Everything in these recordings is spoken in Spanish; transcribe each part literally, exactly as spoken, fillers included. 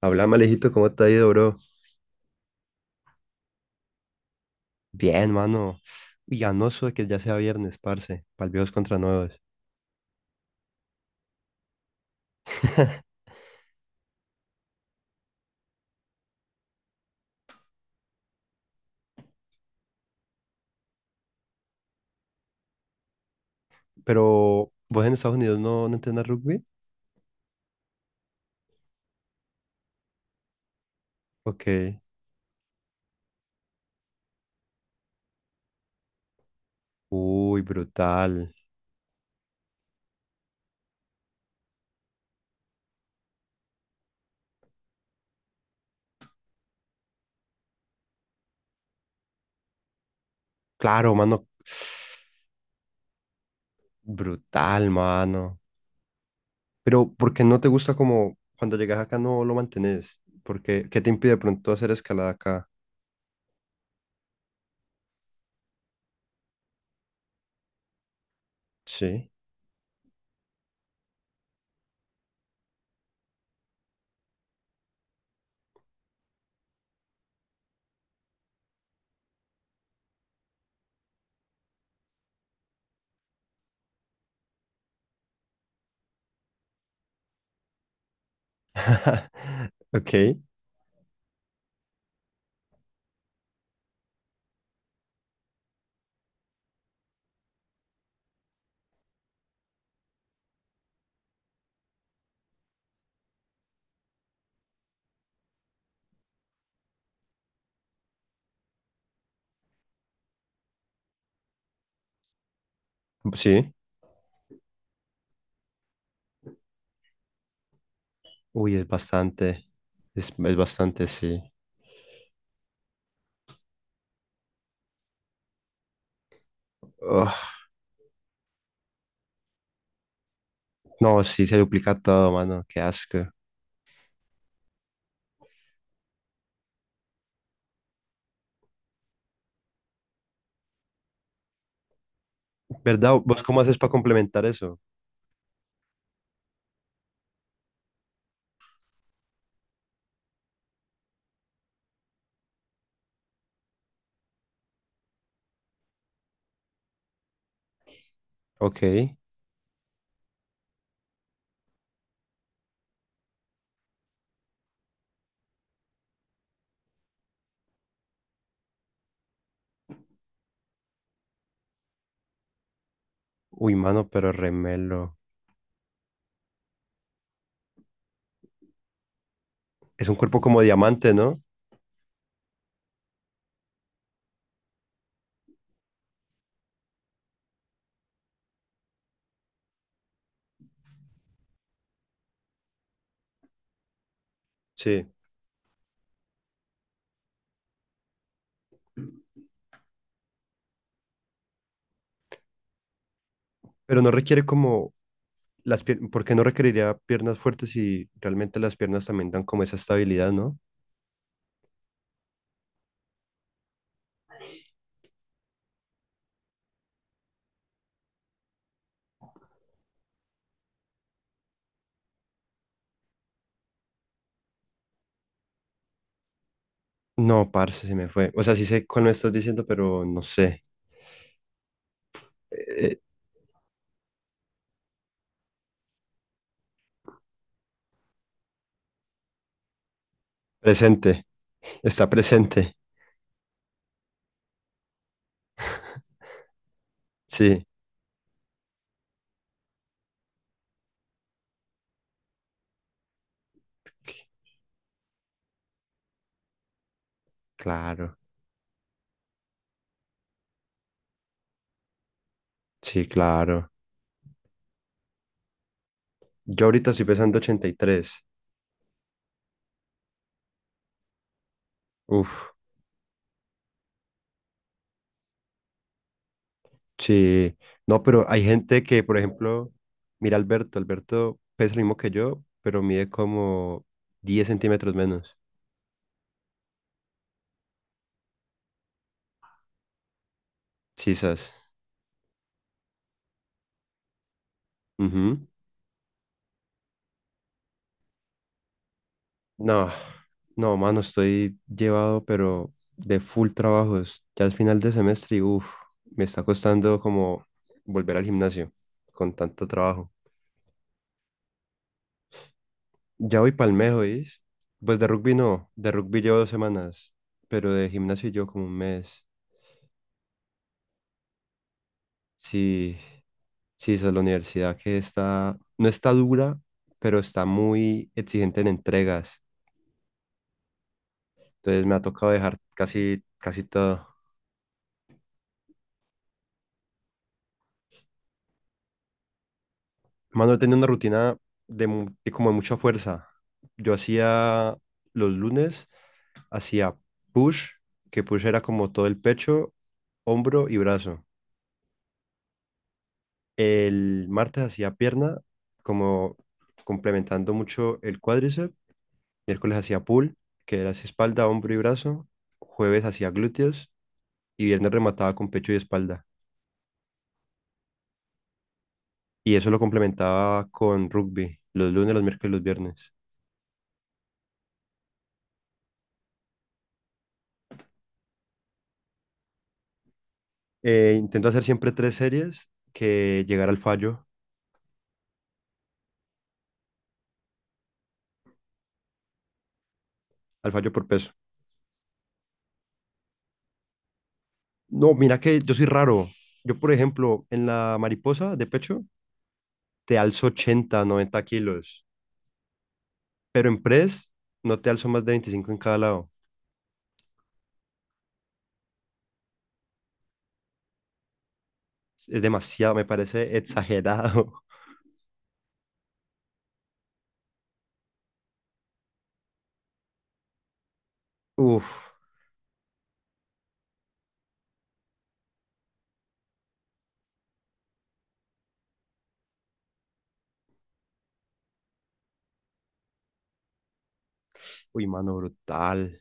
Habla, Malejito, ¿cómo te ha ido, bro? Bien, mano. Uy, anoso de que ya sea viernes, parce. Pa'l viejos contra nuevos. Pero, ¿vos en Estados Unidos no, no entendés rugby? Ok. Uy, brutal. Claro, mano. Brutal, mano. Pero, ¿por qué no te gusta como cuando llegas acá no lo mantenés? ¿Por qué? ¿Qué te impide de pronto hacer escalada acá? Sí. Ok. Sí. Uy, es bastante. Es, es bastante, sí. No, sí, se duplica todo, mano. Qué asco. ¿Verdad? ¿Vos cómo haces para complementar eso? Ok. Uy, mano, pero remelo. Es un cuerpo como diamante, ¿no? Sí. Pero no requiere como las piernas, porque no requeriría piernas fuertes si realmente las piernas también dan como esa estabilidad, ¿no? No, parce, se me fue. O sea, sí sé cuál me estás diciendo, pero no sé. Eh, presente. Está presente. Sí. Claro. Sí, claro. Yo ahorita estoy pesando ochenta y tres. Uf. Sí, no, pero hay gente que, por ejemplo, mira Alberto, Alberto pesa lo mismo que yo, pero mide como diez centímetros menos. Chisas. Ujú. No, no, mano, estoy llevado, pero de full trabajos. Ya al final de semestre, y uff, me está costando como volver al gimnasio con tanto trabajo. Ya voy palmejo, ¿oís? Pues de rugby no, de rugby llevo dos semanas, pero de gimnasio yo como un mes. Sí. Sí, esa es la universidad que está, no está dura, pero está muy exigente en entregas. Entonces me ha tocado dejar casi, casi todo. Mano, he tenido una rutina de, mu- de como de mucha fuerza. Yo hacía los lunes, hacía push, que push era como todo el pecho, hombro y brazo. El martes hacía pierna, como complementando mucho el cuádriceps. Miércoles hacía pull, que era así espalda, hombro y brazo. Jueves hacía glúteos y viernes remataba con pecho y espalda. Y eso lo complementaba con rugby, los lunes, los miércoles y los viernes. Eh, intento hacer siempre tres series que llegar al fallo, al fallo por peso. No, mira que yo soy raro. Yo, por ejemplo, en la mariposa de pecho, te alzo ochenta, noventa kilos, pero en press no te alzo más de veinticinco en cada lado. Es demasiado, me parece exagerado. Uf, uy, mano, brutal.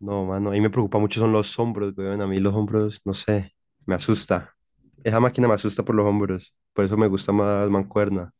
No, mano, a mí me preocupa mucho son los hombros, weón. A mí los hombros, no sé, me asusta. Esa máquina me asusta por los hombros. Por eso me gusta más mancuerna.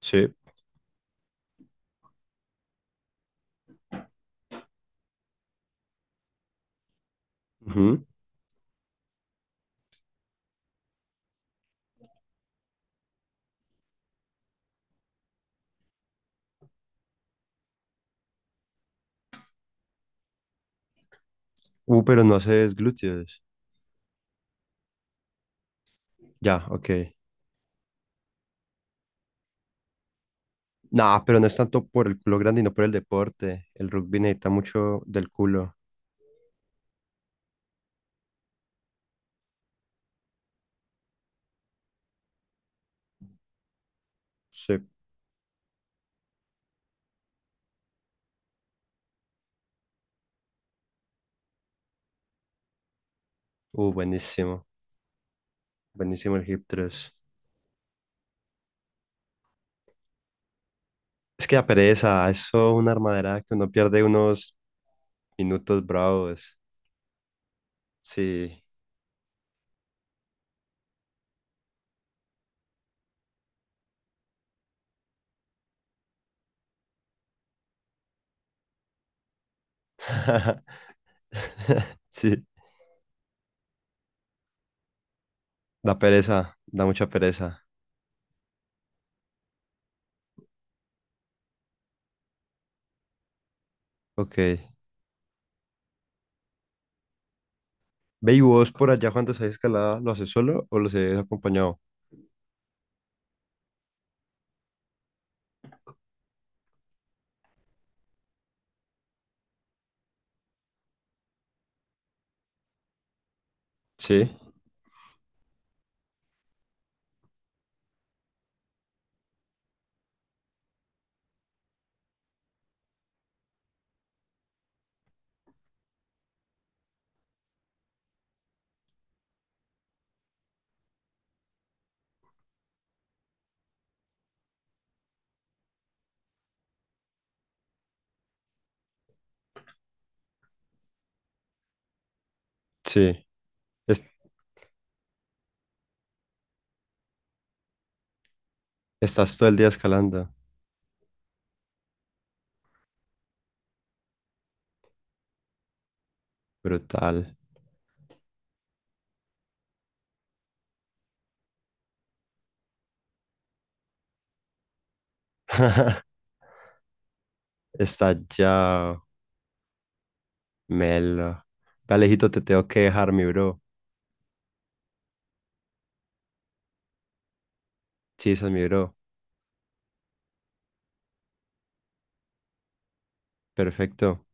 Sí. Ujú. Uh, pero no haces glúteos. Ya, ok. Nah, pero no es tanto por el culo grande, no por el deporte. El rugby necesita mucho del culo. Sí. Uh, buenísimo. Buenísimo el hip thrust. Es que la pereza, eso es una armadera que uno pierde unos minutos bravos. Sí. Sí. Da pereza, da mucha pereza. Ok. Ve y vos por allá cuando haces escalada, ¿lo haces solo o lo haces acompañado? Sí, sí. Es- estás todo el día escalando. Brutal. Está ya. Melo. Alejito, te tengo que dejar, mi bro. Sí, esa es mi bro. Perfecto.